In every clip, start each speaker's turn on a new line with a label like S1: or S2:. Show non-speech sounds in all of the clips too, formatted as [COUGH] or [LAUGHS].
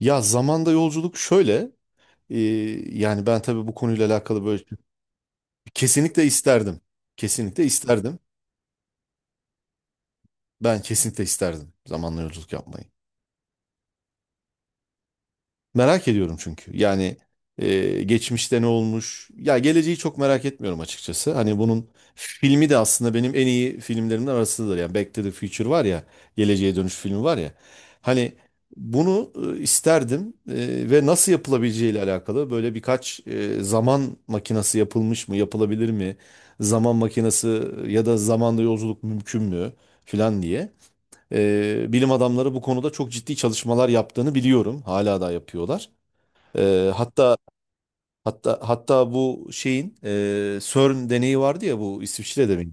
S1: Ya zamanda yolculuk şöyle, e, yani ben tabii bu konuyla alakalı böyle kesinlikle isterdim. Kesinlikle isterdim. Ben kesinlikle isterdim zamanla yolculuk yapmayı. Merak ediyorum çünkü. Yani geçmişte ne olmuş? Ya geleceği çok merak etmiyorum açıkçası. Hani bunun filmi de aslında benim en iyi filmlerimden arasındadır. Yani Back to the Future var ya, Geleceğe Dönüş filmi var ya. Hani bunu isterdim ve nasıl yapılabileceğiyle alakalı böyle birkaç zaman makinesi yapılmış mı, yapılabilir mi? Zaman makinesi ya da zamanda yolculuk mümkün mü filan diye. Bilim adamları bu konuda çok ciddi çalışmalar yaptığını biliyorum. Hala da yapıyorlar. Ee, hatta hatta bu şeyin CERN deneyi vardı ya, bu İsviçre'de mi?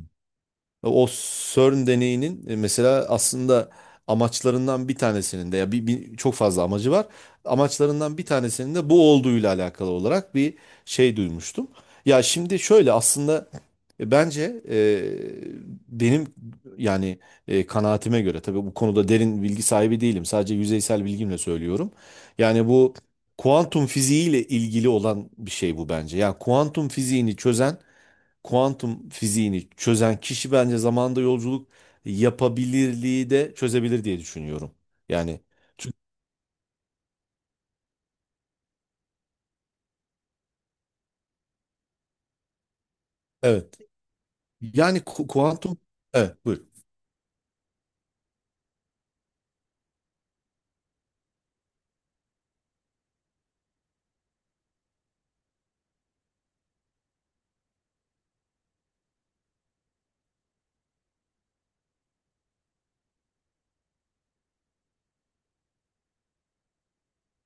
S1: O CERN deneyinin mesela aslında amaçlarından bir tanesinin de ya çok fazla amacı var. Amaçlarından bir tanesinin de bu olduğuyla alakalı olarak bir şey duymuştum. Ya şimdi şöyle aslında bence benim yani kanaatime göre tabii bu konuda derin bilgi sahibi değilim. Sadece yüzeysel bilgimle söylüyorum. Yani bu kuantum fiziğiyle ilgili olan bir şey bu bence. Yani kuantum fiziğini çözen kişi bence zamanda yolculuk yapabilirliği de çözebilir diye düşünüyorum. Yani çünkü- evet. Yani kuantum, evet buyur.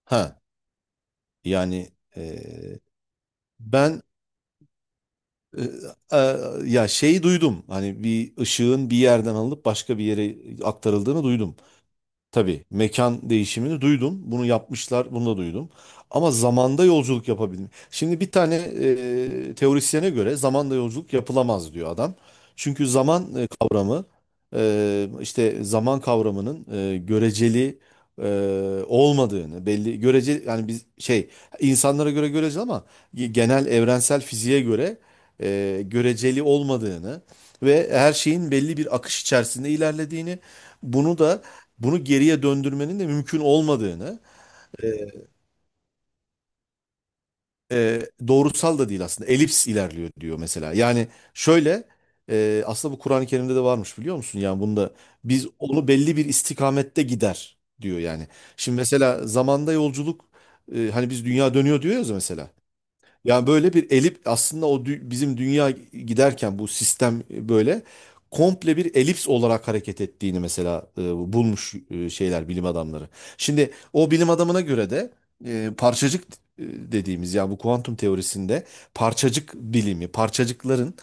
S1: Ha yani e, ben e, e, ya şeyi duydum. Hani bir ışığın bir yerden alınıp başka bir yere aktarıldığını duydum. Tabii mekan değişimini duydum. Bunu yapmışlar, bunu da duydum. Ama zamanda yolculuk yapabilme. Şimdi bir tane teorisyene göre zamanda yolculuk yapılamaz diyor adam. Çünkü zaman kavramı işte zaman kavramının göreceli olmadığını, belli göreceli yani biz şey, insanlara göre göreceli ama genel evrensel fiziğe göre göreceli olmadığını ve her şeyin belli bir akış içerisinde ilerlediğini, bunu da geriye döndürmenin de mümkün olmadığını. e, e, doğrusal da değil aslında, elips ilerliyor diyor mesela. Yani şöyle aslında bu Kur'an-ı Kerim'de de varmış, biliyor musun? Yani bunda biz onu belli bir istikamette gider diyor yani. Şimdi mesela zamanda yolculuk, hani biz dünya dönüyor diyoruz ya mesela. Yani böyle bir elip aslında bizim dünya giderken bu sistem böyle komple bir elips olarak hareket ettiğini mesela bulmuş şeyler, bilim adamları. Şimdi o bilim adamına göre de parçacık e, dediğimiz, yani bu kuantum teorisinde parçacık bilimi, parçacıkların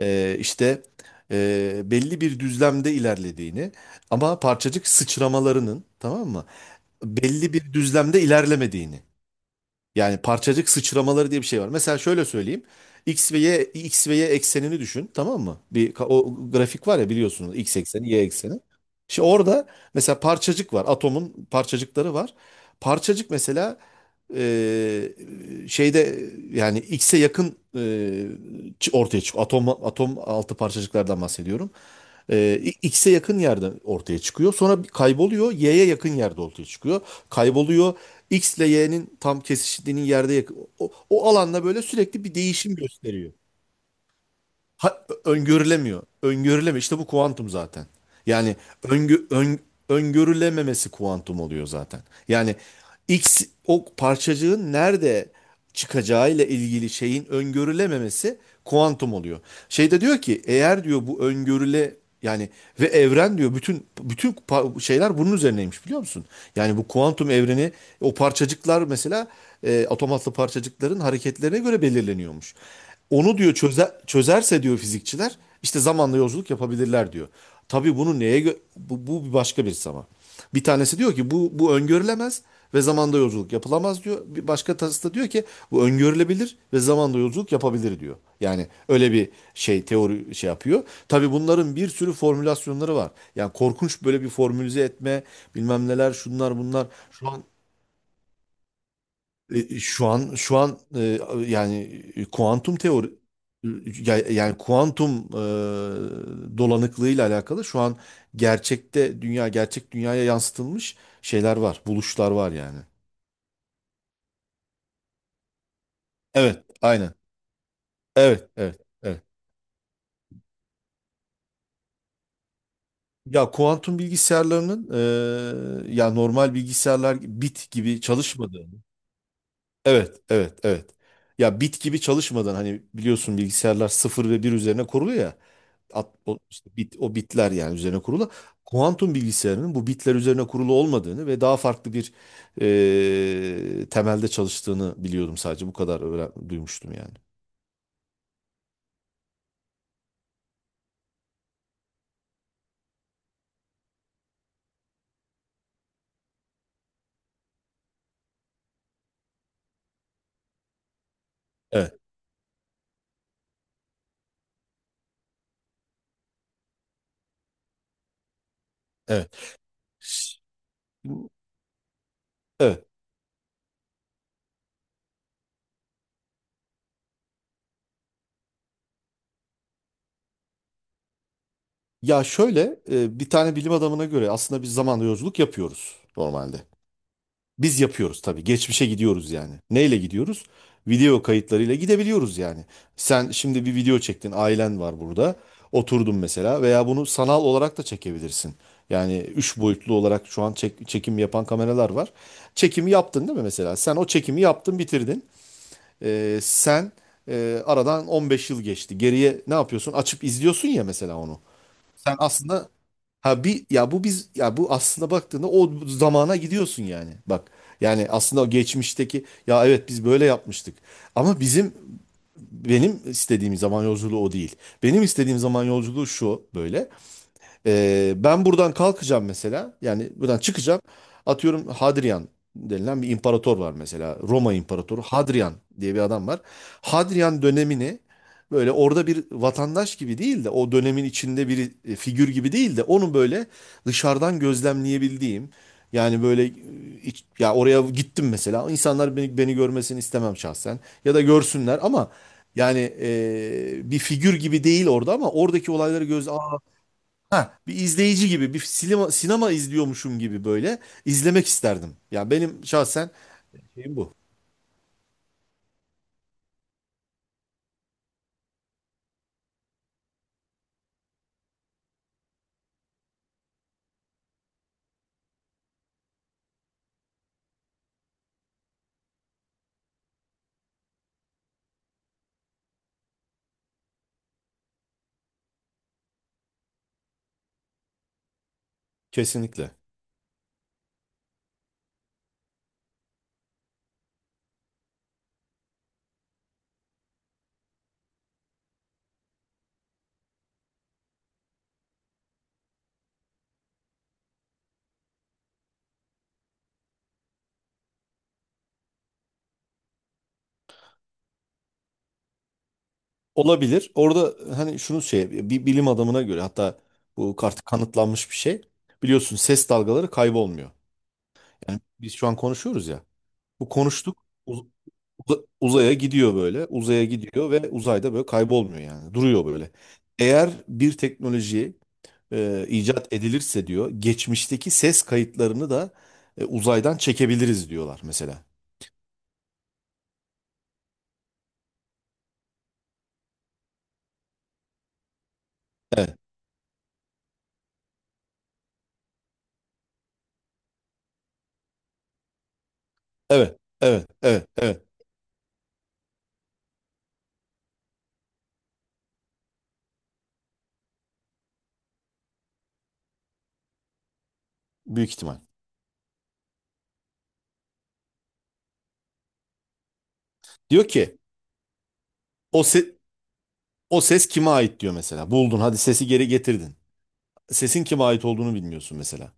S1: e, işte belli bir düzlemde ilerlediğini ama parçacık sıçramalarının, tamam mı, belli bir düzlemde ilerlemediğini. Yani parçacık sıçramaları diye bir şey var. Mesela şöyle söyleyeyim. X ve Y, X ve Y eksenini düşün, tamam mı? O grafik var ya, biliyorsunuz, X ekseni, Y ekseni. Şimdi orada mesela parçacık var. Atomun parçacıkları var. Parçacık mesela e, şeyde, yani X'e yakın ortaya çıkıyor. Atom, atom altı parçacıklardan bahsediyorum. Ee, X'e yakın yerde ortaya çıkıyor. Sonra bir kayboluyor. Y'ye yakın yerde ortaya çıkıyor. Kayboluyor. X ile Y'nin tam kesiştiğinin yerde yakın. O alanda böyle sürekli bir değişim gösteriyor. Öngörülemiyor. Öngörülemiyor. İşte bu kuantum zaten. Yani öngö- ön- öngörülememesi kuantum oluyor zaten. Yani X, o parçacığın nerede çıkacağı ile ilgili şeyin öngörülememesi kuantum oluyor. Şeyde diyor ki, eğer diyor bu öngörüle, yani ve evren diyor bütün şeyler bunun üzerineymiş, biliyor musun? Yani bu kuantum evreni, o parçacıklar mesela atom altı parçacıkların hareketlerine göre belirleniyormuş. Onu diyor çözerse diyor fizikçiler, işte zamanla yolculuk yapabilirler diyor. Tabii bunu bu, bu başka bir zaman. Bir tanesi diyor ki bu öngörülemez ve zamanda yolculuk yapılamaz diyor. Bir başka tasarısı diyor ki bu öngörülebilir ve zamanda yolculuk yapabilir diyor. Yani öyle bir şey, teori şey yapıyor. Tabii bunların bir sürü formülasyonları var. Yani korkunç böyle bir formülize etme, bilmem neler, şunlar bunlar. Şu an yani kuantum teori, yani kuantum dolanıklığıyla alakalı şu an gerçekte gerçek dünyaya yansıtılmış şeyler var, buluşlar var yani. Evet, aynen. Evet, evet, evet. Ya kuantum bilgisayarlarının, ya normal bilgisayarlar bit gibi çalışmadığını. Evet, evet, evet. Ya bit gibi çalışmadan, hani biliyorsun bilgisayarlar sıfır ve bir üzerine kuruluyor ya. At, o, işte bit, o bitler yani üzerine kurulu. Kuantum bilgisayarının bu bitler üzerine kurulu olmadığını ve daha farklı bir temelde çalıştığını biliyordum, sadece bu kadar duymuştum yani. Evet, evet. Ş- Evet. Ya şöyle bir tane bilim adamına göre aslında biz zaman yolculuk yapıyoruz normalde. Biz yapıyoruz tabii. Geçmişe gidiyoruz yani. Neyle gidiyoruz? Video kayıtlarıyla gidebiliyoruz yani. Sen şimdi bir video çektin, ailen var burada. Oturdun mesela, veya bunu sanal olarak da çekebilirsin. Yani üç boyutlu olarak şu an çekim yapan kameralar var. Çekimi yaptın değil mi mesela? Sen o çekimi yaptın, bitirdin. Sen aradan 15 yıl geçti. Geriye ne yapıyorsun? Açıp izliyorsun ya mesela onu. Sen aslında, Ha bir, ya bu biz ya bu aslında baktığında o zamana gidiyorsun yani. Bak, yani aslında o geçmişteki, ya evet biz böyle yapmıştık. Ama benim istediğim zaman yolculuğu o değil. Benim istediğim zaman yolculuğu şu böyle. Ben buradan kalkacağım mesela. Yani buradan çıkacağım. Atıyorum Hadrian denilen bir imparator var mesela. Roma imparatoru Hadrian diye bir adam var. Hadrian dönemini böyle orada bir vatandaş gibi değil de, o dönemin içinde bir figür gibi değil de, onu böyle dışarıdan gözlemleyebildiğim, yani böyle ya oraya gittim mesela, insanlar beni görmesini istemem şahsen, ya da görsünler, ama yani bir figür gibi değil orada, ama oradaki olayları göz, Aa, ha, bir izleyici gibi, sinema izliyormuşum gibi böyle izlemek isterdim. Yani benim şahsen şeyim bu. Kesinlikle. Olabilir. Orada hani şunu şey, bir bilim adamına göre hatta bu artık kanıtlanmış bir şey. Biliyorsun ses dalgaları kaybolmuyor. Yani biz şu an konuşuyoruz ya. Bu uzaya gidiyor böyle. Uzaya gidiyor ve uzayda böyle kaybolmuyor yani. Duruyor böyle. Eğer bir teknolojiyi icat edilirse diyor, geçmişteki ses kayıtlarını da uzaydan çekebiliriz diyorlar mesela. Evet, evet, evet, evet, evet. Büyük ihtimal. Diyor ki o se- o ses kime ait diyor mesela. Buldun, hadi sesi geri getirdin. Sesin kime ait olduğunu bilmiyorsun mesela.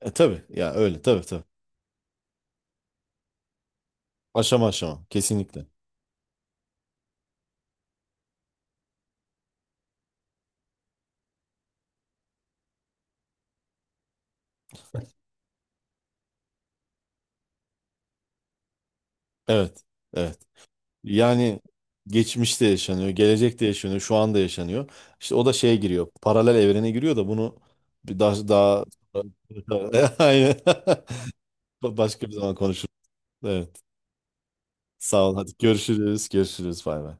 S1: E tabii ya, öyle, tabii tabii. Aşama aşama, kesinlikle. Evet. Evet. Yani geçmişte yaşanıyor, gelecekte yaşanıyor, şu anda yaşanıyor. İşte o da şeye giriyor, paralel evrene giriyor, da bunu bir daha [LAUGHS] aynen [LAUGHS] başka bir zaman konuşuruz. Evet. Sağ ol. Hadi görüşürüz. Görüşürüz. Bay bay.